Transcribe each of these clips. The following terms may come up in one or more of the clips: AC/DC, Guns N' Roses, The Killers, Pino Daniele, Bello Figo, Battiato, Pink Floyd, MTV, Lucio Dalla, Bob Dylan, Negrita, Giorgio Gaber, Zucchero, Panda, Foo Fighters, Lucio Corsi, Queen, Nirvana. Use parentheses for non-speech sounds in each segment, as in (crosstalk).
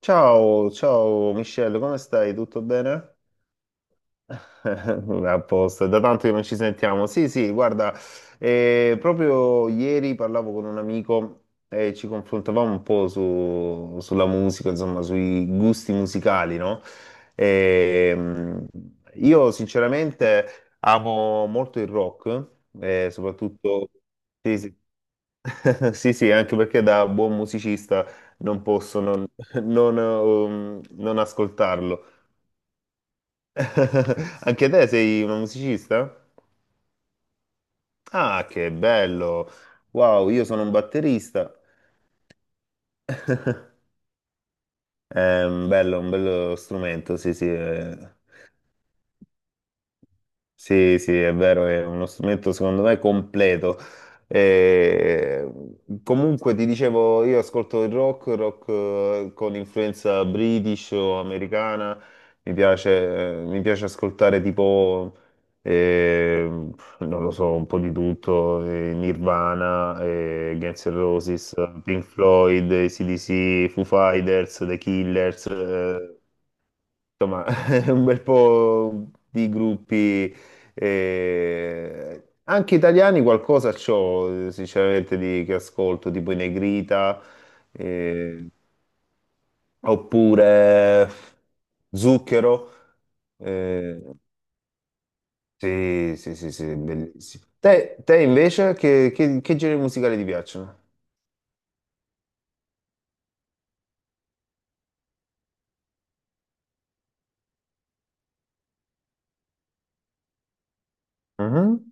Ciao, ciao Michelle, come stai? Tutto bene? A posto, è da tanto che non ci sentiamo. Sì, sì, guarda, proprio ieri parlavo con un amico e ci confrontavamo un po' sulla musica, insomma, sui gusti musicali, no? E, mh, io sinceramente amo molto il rock, soprattutto... Sì, sì. (laughs) Sì, sì, anche perché da buon musicista non posso non, (laughs) non ascoltarlo. (laughs) Anche te sei un musicista? Ah, che bello! Wow, io sono un batterista. È un bello strumento, sì, sì. Sì, sì, è vero, è uno strumento secondo me completo. Eh, Comunque ti dicevo, io ascolto il rock con influenza british o americana, mi piace ascoltare tipo, eh, non lo so, un po' di tutto, Nirvana, Guns N' Roses, Pink Floyd, AC/DC, Foo Fighters, The Killers, insomma, (laughs) un bel po' di gruppi, anche italiani qualcosa c'ho, sinceramente, che ascolto, tipo i Negrita, eh, oppure Zucchero. eh, sì, sì, sì, sì, bellissimo. Te invece, che generi musicali ti piacciono? Mhm.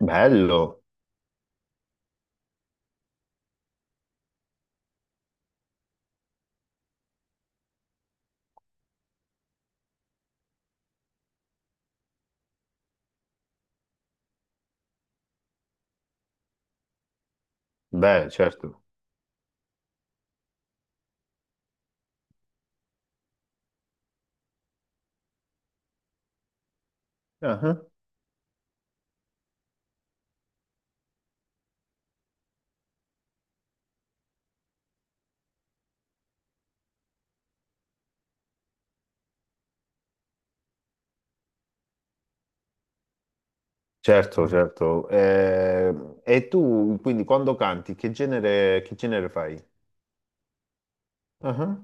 Bello, beh, certo. Certo, certo. E tu, quindi, quando canti, che genere fai? Ah.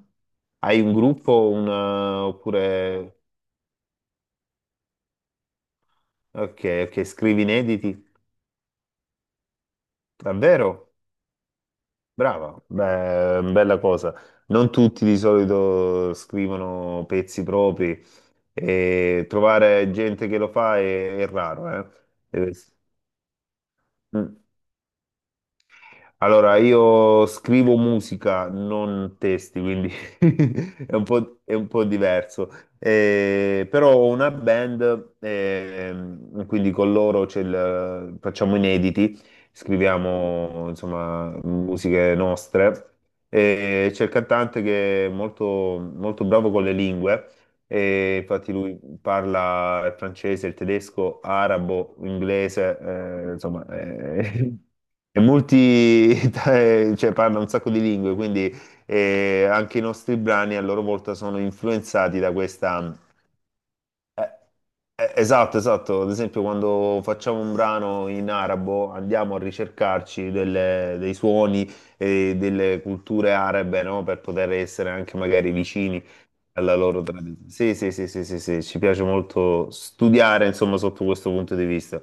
Hai un gruppo, oppure... Ok, ok, scrivi inediti? Davvero? Brava, beh, bella cosa. Non tutti di solito scrivono pezzi propri e trovare gente che lo fa è raro, eh? Deve- Mm. Allora, io scrivo musica, non testi, quindi (laughs) è un po' diverso. Però ho una band, quindi con loro facciamo inediti, scriviamo insomma musiche nostre. E c'è il cantante che è molto bravo con le lingue e infatti lui parla il francese, il tedesco, arabo, inglese, (laughs) è multi, (laughs) cioè parla un sacco di lingue, quindi anche i nostri brani a loro volta sono influenzati da questa... eh, Esatto, esatto. Ad esempio, quando facciamo un brano in arabo, andiamo a ricercarci dei suoni e delle culture arabe, no? Per poter essere anche magari vicini alla loro tradizione. Sì, sì, sì, sì, sì, sì, ci piace molto studiare, insomma, sotto questo punto di vista.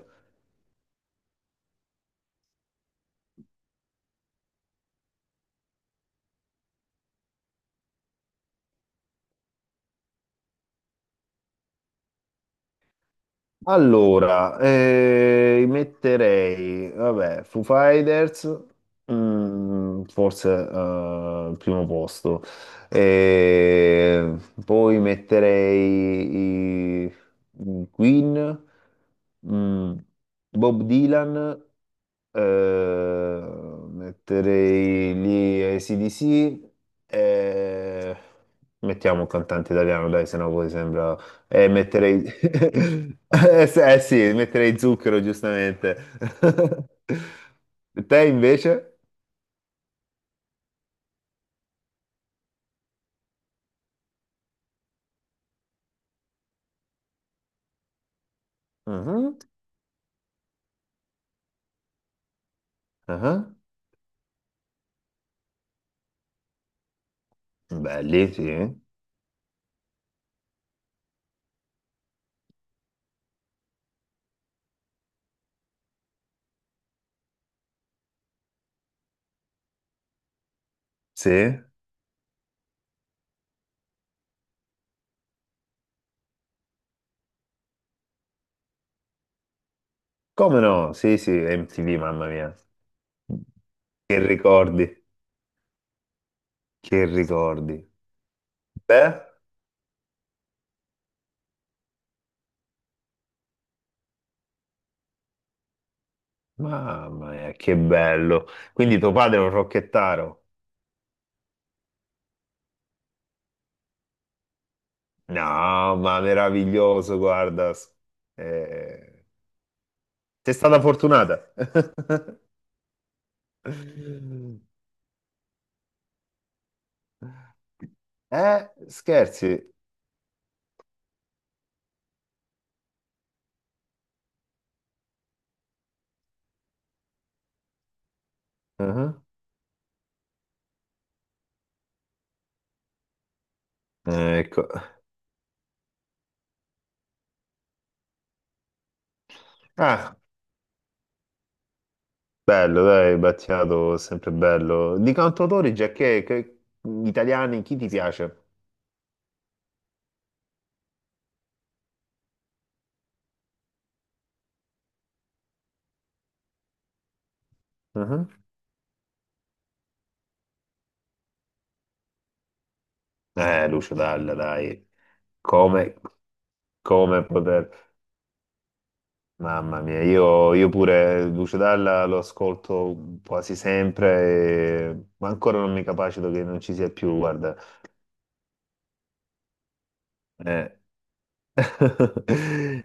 Allora, metterei, vabbè, Foo Fighters, mm, forse al primo posto. Eh, Poi metterei i Queen, mm, Bob Dylan, metterei lì AC/DC, eh, mettiamo un cantante italiano, dai, se no poi sembra e metterei... (laughs) sì, eh sì, metterei Zucchero, giustamente. (laughs) Te invece? Mhm, mhm. Belli, sì. Sì? Come no? Sì, sì, MTV, mamma mia. Che ricordi, che ricordi. Beh, mamma mia, che bello. Quindi tuo padre è un rocchettaro? No, ma meraviglioso, guarda. Eh, sei stata fortunata. (laughs) Scherzi. Mhm. Ecco. Ah, bello, dai, Battiato, sempre bello. Di cantautori, italiani, chi ti piace? Mhm. Lucio Dalla, dai. Come, come poter... Mamma mia, io pure Lucio Dalla lo ascolto quasi sempre, ma ancora non mi capacito che non ci sia più, guarda. Eh, (laughs)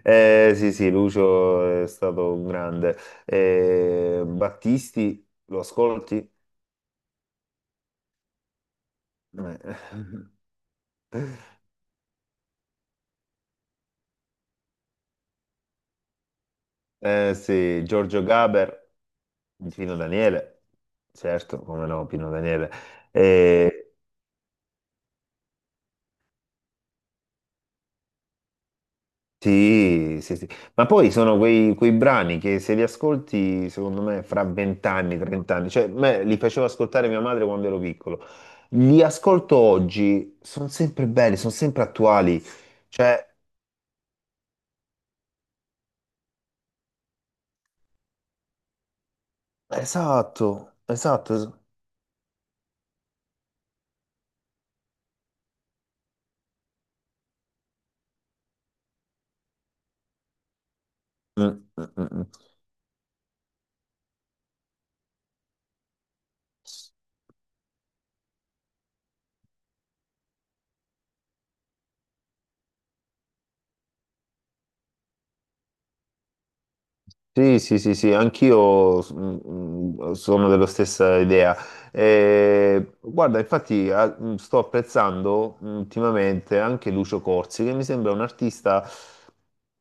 Sì, sì, Lucio è stato un grande. Battisti, lo ascolti? Eh, (laughs) sì, Giorgio Gaber, Pino Daniele, certo, come no, Pino Daniele. Eh, sì, sì, sì. Ma poi sono quei brani che se li ascolti, secondo me, fra 20 anni, 30 anni, cioè, me li facevo ascoltare mia madre quando ero piccolo. Li ascolto oggi, sono sempre belli, sono sempre attuali. Cioè, Esatto, esatto. Mm, mm, mm, mm. Sì, sì, sì, sì, mm, mm, sono della stessa idea. Guarda, mm, sto apprezzando mm, ultimamente anche Lucio Corsi, che mi sembra un artista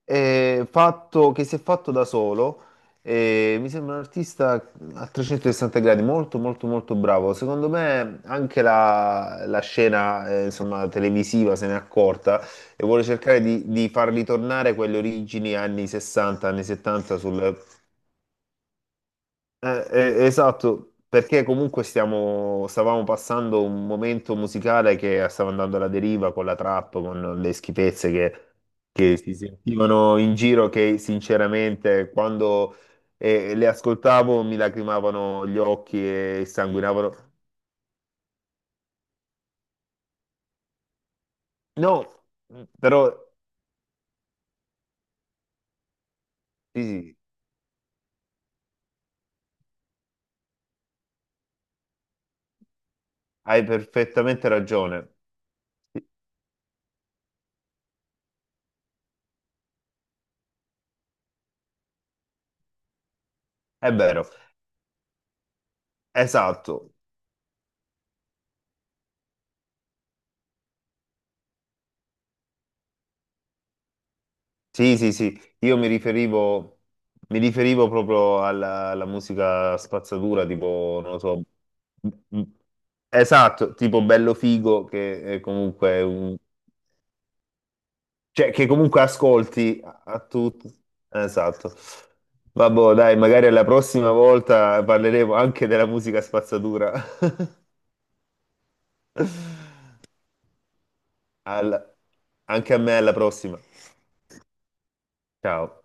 che si è fatto da solo. E mi sembra un artista a 360 gradi, molto, molto, molto bravo. Secondo me anche la scena, televisiva se n'è accorta e vuole cercare di far ritornare quelle origini anni 60, anni 70 sul... esatto, perché comunque stavamo passando un momento musicale che stava andando alla deriva con la trap, con le che si sentivano in giro, che sinceramente quando le ascoltavo mi lacrimavano gli occhi e sanguinavano. No, però sì, sì, hai perfettamente ragione. È vero, esatto. Sì, sì, sì, mi riferivo proprio alla musica spazzatura, tipo, non lo so, m- esatto, tipo Bello Figo, che è comunque un... cioè, che comunque ascolti a tutti. Esatto. Vabbè, dai, magari alla prossima volta parleremo anche della musica spazzatura. (laughs) Alla- Anche a me, alla prossima. Ciao.